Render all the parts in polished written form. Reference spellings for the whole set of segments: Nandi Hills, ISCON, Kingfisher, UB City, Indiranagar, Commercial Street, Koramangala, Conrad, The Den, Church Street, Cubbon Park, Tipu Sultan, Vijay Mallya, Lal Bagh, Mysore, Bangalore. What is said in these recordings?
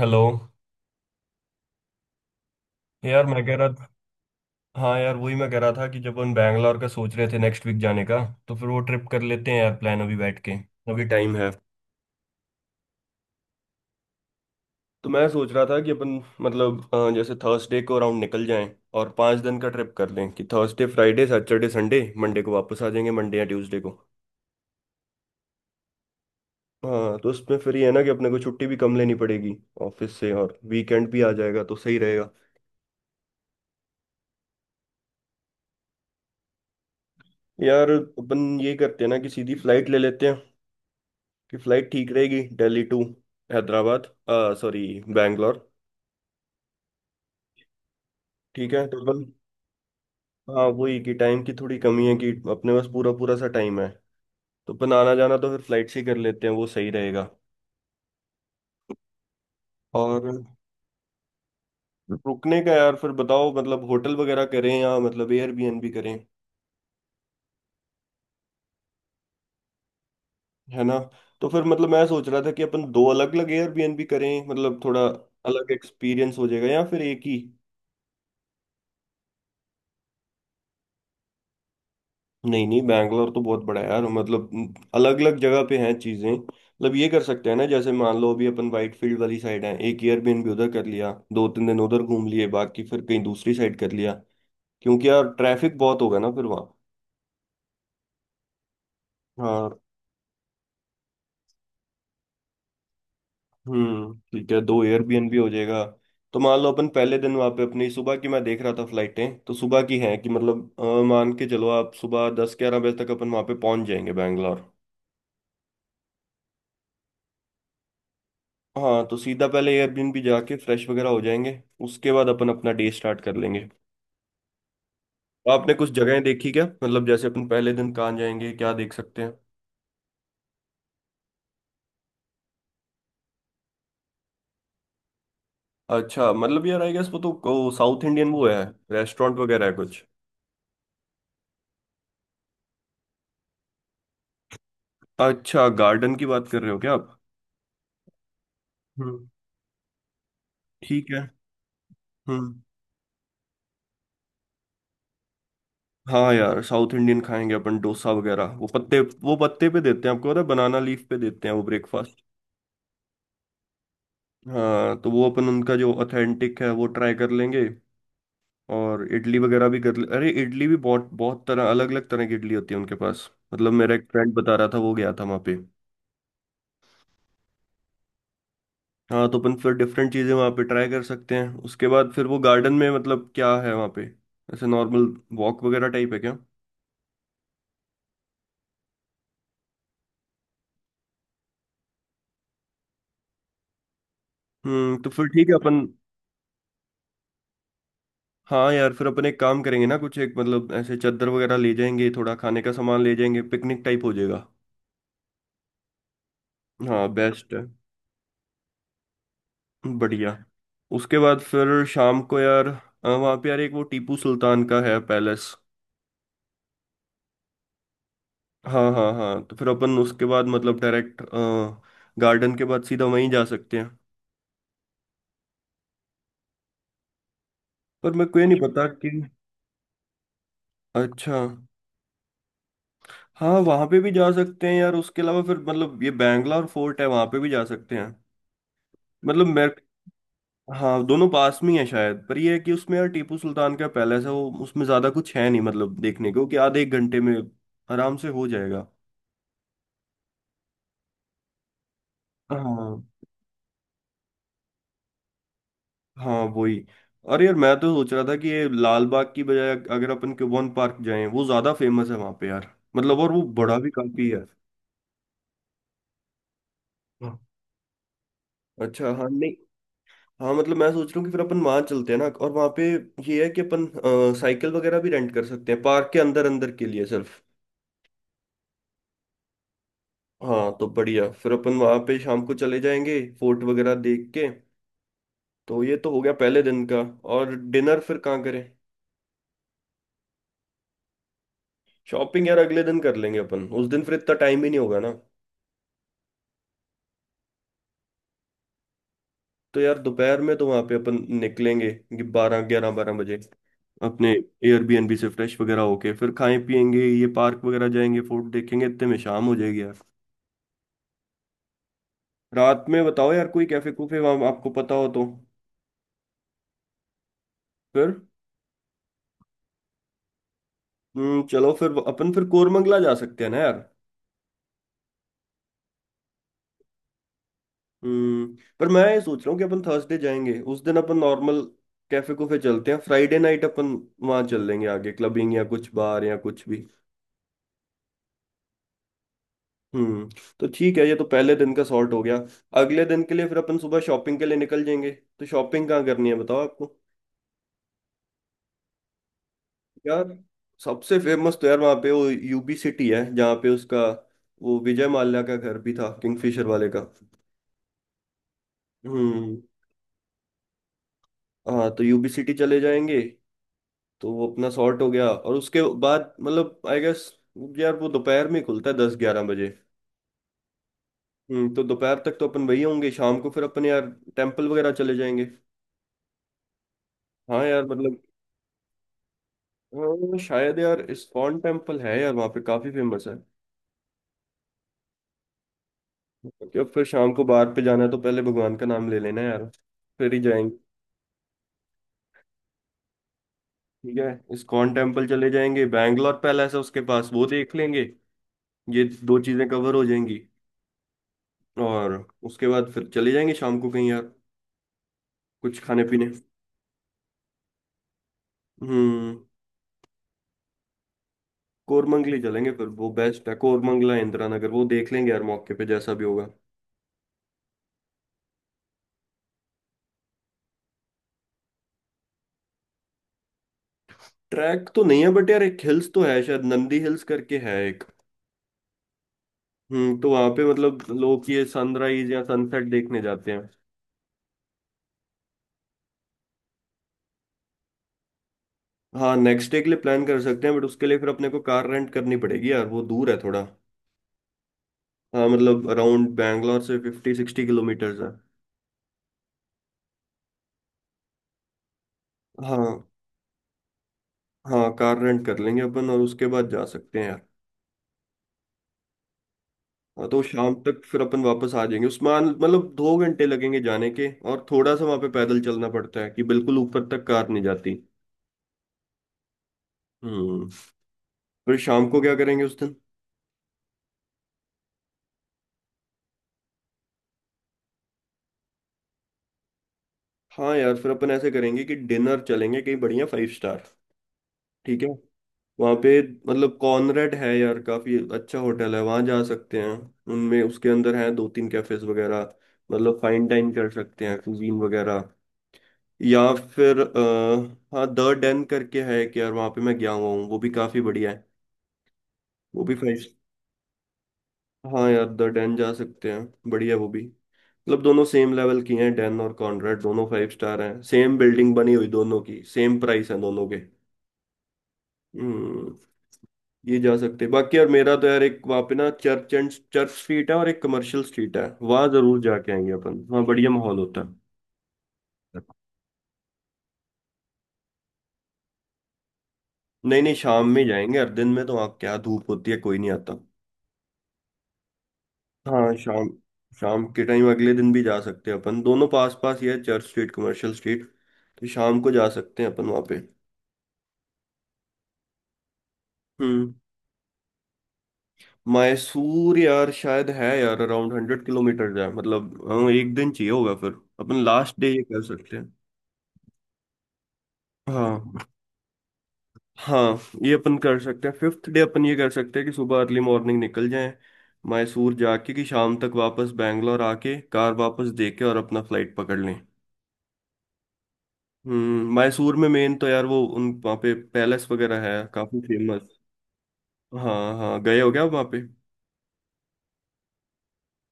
Hello. यार मैं कह रहा था। हाँ यार वही मैं कह रहा था कि जब हम बैंगलोर का सोच रहे थे नेक्स्ट वीक जाने का, तो फिर वो ट्रिप कर लेते हैं यार, प्लान अभी बैठ के। अभी टाइम है। तो मैं सोच रहा था कि अपन, मतलब जैसे थर्सडे को अराउंड निकल जाएं, और 5 दिन का ट्रिप कर लें कि Thursday Friday Saturday Sunday Monday को वापस आ जाएंगे, मंडे या ट्यूसडे को। हाँ तो उसमें फिर ये है ना कि अपने को छुट्टी भी कम लेनी पड़ेगी ऑफिस से, और वीकेंड भी आ जाएगा तो सही रहेगा। यार अपन ये करते हैं ना कि सीधी फ्लाइट ले लेते हैं कि फ्लाइट ठीक रहेगी, दिल्ली टू हैदराबाद, सॉरी, बैंगलोर। ठीक है टोटल। हाँ वही कि टाइम की थोड़ी कमी है कि अपने पास पूरा पूरा सा टाइम है, तो अपन आना जाना तो फिर फ्लाइट से ही कर लेते हैं, वो सही रहेगा। और रुकने का यार फिर बताओ, मतलब होटल वगैरह करें या मतलब एयरबीएनबी करें। है ना। तो फिर मतलब मैं सोच रहा था कि अपन दो अलग अलग एयरबीएनबी करें, मतलब थोड़ा अलग एक्सपीरियंस हो जाएगा, या फिर एक ही। नहीं नहीं, बैंगलोर तो बहुत बड़ा है यार, मतलब अलग अलग जगह पे हैं चीजें। मतलब ये कर सकते हैं ना, जैसे मान लो अभी अपन वाइट फील्ड वाली साइड है, एक एयरबीएनबी उधर कर लिया, 2-3 दिन उधर घूम लिए, बाकी फिर कहीं दूसरी साइड कर लिया। क्योंकि यार ट्रैफिक बहुत होगा ना फिर वहाँ। हाँ। हम्म, ठीक है, दो एयरबीएनबी हो जाएगा। तो मान लो अपन पहले दिन वहाँ पे अपनी सुबह की, मैं देख रहा था फ्लाइटें तो सुबह की हैं, कि मतलब मान के चलो आप सुबह 10-11 बजे तक अपन वहाँ पे पहुंच जाएंगे बैंगलोर। हाँ तो सीधा पहले एयरबिन भी जाके फ्रेश वगैरह हो जाएंगे, उसके बाद अपन अपना डे स्टार्ट कर लेंगे। तो आपने कुछ जगहें देखी क्या, मतलब जैसे अपन पहले दिन कहाँ जाएंगे, क्या देख सकते हैं? अच्छा, मतलब यार आई गेस वो तो साउथ इंडियन वो है, रेस्टोरेंट वगैरह है कुछ? अच्छा, गार्डन की बात कर रहे हो क्या आप? हम्म, ठीक है। हम्म। हाँ यार साउथ इंडियन खाएंगे अपन डोसा वगैरह, वो पत्ते, वो पत्ते पे देते हैं, आपको पता है, बनाना लीफ पे देते हैं वो ब्रेकफास्ट। हाँ तो वो अपन उनका जो ऑथेंटिक है वो ट्राई कर लेंगे, और इडली वगैरह भी कर ले। अरे इडली भी बहुत बहुत तरह, अलग अलग तरह की इडली होती है उनके पास, मतलब मेरा एक फ्रेंड बता रहा था, वो गया था वहाँ पे। हाँ तो अपन फिर डिफरेंट चीज़ें वहाँ पे ट्राई कर सकते हैं। उसके बाद फिर वो गार्डन में, मतलब क्या है वहाँ पे, ऐसे नॉर्मल वॉक वगैरह टाइप है क्या? हम्म, तो फिर ठीक है अपन। हाँ यार फिर अपन एक काम करेंगे ना, कुछ एक मतलब ऐसे चादर वगैरह ले जाएंगे, थोड़ा खाने का सामान ले जाएंगे, पिकनिक टाइप हो जाएगा। हाँ बेस्ट है। बढ़िया। उसके बाद फिर शाम को यार वहाँ पे यार एक वो टीपू सुल्तान का है पैलेस। हाँ हाँ हाँ, तो फिर अपन उसके बाद मतलब डायरेक्ट गार्डन के बाद सीधा वहीं जा सकते हैं। पर मेरे को ये नहीं पता कि... अच्छा। हाँ वहाँ पे भी जा सकते हैं यार, उसके अलावा फिर मतलब ये बैंगलोर फोर्ट है, वहाँ पे भी जा सकते हैं। मतलब मैं... हाँ दोनों पास में ही है शायद, पर ये है कि उसमें यार टीपू सुल्तान का पैलेस है, वो उसमें ज़्यादा कुछ है नहीं मतलब देखने को, कि आधे एक घंटे में आराम से हो जाएगा। हाँ। हाँ वही। अरे यार मैं तो सोच रहा था कि ये लाल बाग की बजाय अगर अपन क्यूबॉन पार्क जाएं, वो ज्यादा फेमस है वहां पे यार, मतलब और वो बड़ा भी काफी है। हाँ। अच्छा, हाँ। नहीं, हाँ, मतलब मैं सोच रहा हूँ कि फिर अपन वहां चलते हैं ना, और वहां पे ये है कि अपन साइकिल वगैरह भी रेंट कर सकते हैं पार्क के अंदर, अंदर के लिए सिर्फ। हाँ तो बढ़िया, फिर अपन वहां पे शाम को चले जाएंगे फोर्ट वगैरह देख के। तो ये तो हो गया पहले दिन का। और डिनर फिर कहाँ करें? शॉपिंग यार अगले दिन कर लेंगे अपन, उस दिन फिर इतना टाइम ही नहीं होगा ना। तो यार दोपहर में तो वहां पे अपन निकलेंगे, बारह, ग्यारह बारह बजे अपने एयरबीएनबी से, फ्रेश वगैरह होके फिर खाएं पियेंगे, ये पार्क वगैरह जाएंगे, फोर्ट देखेंगे, इतने में शाम हो जाएगी यार। रात में बताओ यार, कोई कैफे कूफे वहां आपको पता हो तो? फिर... चलो फिर अपन फिर कोरमंगला जा सकते हैं ना यार। हम्म, पर मैं ये सोच रहा हूँ कि अपन थर्सडे जाएंगे, उस दिन अपन नॉर्मल कैफे कूफे चलते हैं, फ्राइडे नाइट अपन वहां चल लेंगे आगे क्लबिंग या कुछ बार या कुछ भी। हम्म। तो ठीक है, ये तो पहले दिन का सॉर्ट हो गया। अगले दिन के लिए फिर अपन सुबह शॉपिंग के लिए निकल जाएंगे। तो शॉपिंग कहाँ करनी है बताओ आपको। यार सबसे फेमस तो यार वहाँ पे वो यूबी सिटी है, जहाँ पे उसका वो विजय माल्या का घर भी था, किंगफिशर वाले का। हम्म। हाँ तो यूबी सिटी चले जाएंगे। तो वो अपना सॉर्ट हो गया, और उसके बाद मतलब आई गेस यार वो दोपहर में खुलता है, 10-11 बजे। हम्म, तो दोपहर तक तो अपन वही होंगे, शाम को फिर अपन यार टेम्पल वगैरह चले जाएंगे। हाँ यार मतलब शायद यार इस्कॉन टेम्पल है यार, वहाँ पे काफी फेमस है। क्योंकि अब फिर शाम को बाहर पे जाना है, तो पहले भगवान का नाम ले लेना है यार, फिर ही जाएंगे। ठीक है। इस्कॉन टेम्पल चले जाएंगे, बैंगलोर पैलेस है उसके पास वो देख लेंगे, ये दो चीजें कवर हो जाएंगी। और उसके बाद फिर चले जाएंगे शाम को कहीं यार, कुछ खाने पीने। हम्म। कोरमंगली चलेंगे फिर, वो बेस्ट है कोरमंगला इंदिरा नगर, वो देख लेंगे यार मौके पे जैसा भी होगा। ट्रैक तो नहीं है बट यार एक हिल्स तो है शायद, नंदी हिल्स करके है एक। हम्म, तो वहां पे मतलब लोग ये सनराइज या सनसेट देखने जाते हैं। हाँ नेक्स्ट डे के लिए प्लान कर सकते हैं, बट उसके लिए फिर अपने को कार रेंट करनी पड़ेगी यार, वो दूर है थोड़ा। हाँ, मतलब अराउंड बैंगलोर से 50-60 किलोमीटर्स है। हाँ। हाँ कार रेंट कर लेंगे अपन, और उसके बाद जा सकते हैं यार। हाँ तो शाम तक फिर अपन वापस आ जाएंगे उस्मान, मतलब 2 घंटे लगेंगे जाने के, और थोड़ा सा वहां पे पैदल चलना पड़ता है, कि बिल्कुल ऊपर तक कार नहीं जाती। हम्म। फिर शाम को क्या करेंगे उस दिन? हाँ यार फिर अपन ऐसे करेंगे कि डिनर चलेंगे कहीं बढ़िया, 5 स्टार। ठीक है। वहाँ पे मतलब कॉनरेड है यार, काफी अच्छा होटल है, वहाँ जा सकते हैं, उनमें उसके अंदर हैं दो तीन कैफेज वगैरह, मतलब फाइन डाइन कर सकते हैं कुजीन वगैरह। या फिर हाँ, द डेन करके है कि यार, वहाँ पे मैं गया हुआ हूँ, वो भी काफी बढ़िया है। वो भी फाइव। हाँ यार द डेन जा सकते हैं, बढ़िया वो भी, मतलब दोनों सेम लेवल की हैं डेन और कॉनरेड, दोनों फाइव स्टार हैं, सेम बिल्डिंग बनी हुई दोनों की, सेम प्राइस है दोनों के। हम्म। ये जा सकते हैं। बाकी यार मेरा तो यार एक वहाँ पे ना चर्च एंड, चर्च स्ट्रीट है और एक कमर्शियल स्ट्रीट है, वहाँ जरूर जाके आएंगे अपन, वहाँ बढ़िया माहौल होता है। नहीं नहीं, शाम में जाएंगे, हर दिन में तो वहाँ क्या धूप होती है, कोई नहीं आता। हाँ शाम। शाम के टाइम अगले दिन भी जा सकते हैं अपन, दोनों पास पास ही है चर्च स्ट्रीट कमर्शियल स्ट्रीट, तो शाम को जा सकते हैं अपन वहाँ पे। हम्म। मैसूर यार शायद है यार अराउंड 100 किलोमीटर है, मतलब हाँ, एक दिन चाहिए होगा फिर, अपन लास्ट डे ये कर सकते हैं। हाँ हाँ। ये अपन कर सकते हैं 5th डे, अपन ये कर सकते हैं कि सुबह अर्ली मॉर्निंग निकल जाएं, मैसूर जाके कि शाम तक वापस बैंगलोर आके कार वापस दे के और अपना फ्लाइट पकड़ लें। हम्म, मैसूर में मेन तो यार वो, उन वहाँ पे पैलेस वगैरह है काफी फेमस। हाँ हाँ, गए हो क्या आप वहाँ पे?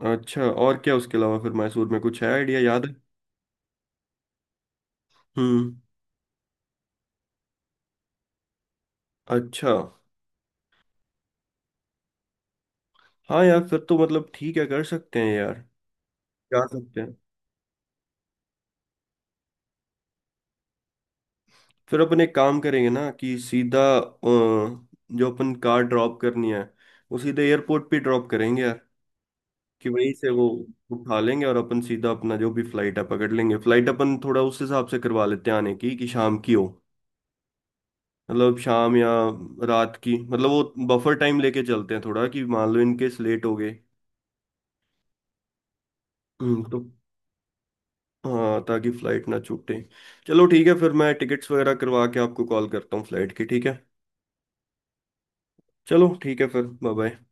अच्छा, और क्या उसके अलावा फिर मैसूर में कुछ है, आइडिया याद है? हम्म। अच्छा। हाँ यार फिर तो मतलब ठीक है, कर सकते हैं यार। जा सकते हैं। फिर अपन एक काम करेंगे ना कि सीधा जो अपन कार ड्रॉप करनी है, वो सीधे एयरपोर्ट पे ड्रॉप करेंगे यार, कि वहीं से वो उठा लेंगे, और अपन सीधा अपना जो भी फ्लाइट है पकड़ लेंगे। फ्लाइट अपन थोड़ा उस हिसाब से करवा लेते हैं आने की, कि शाम की हो, मतलब शाम या रात की, मतलब वो बफर टाइम लेके चलते हैं थोड़ा, कि मान लो इनकेस लेट हो गए। तो... हाँ, ताकि फ्लाइट ना छूटे। चलो ठीक है फिर, मैं टिकट्स वगैरह करवा के आपको कॉल करता हूँ फ्लाइट की, ठीक है। चलो ठीक है फिर, बाय बाय।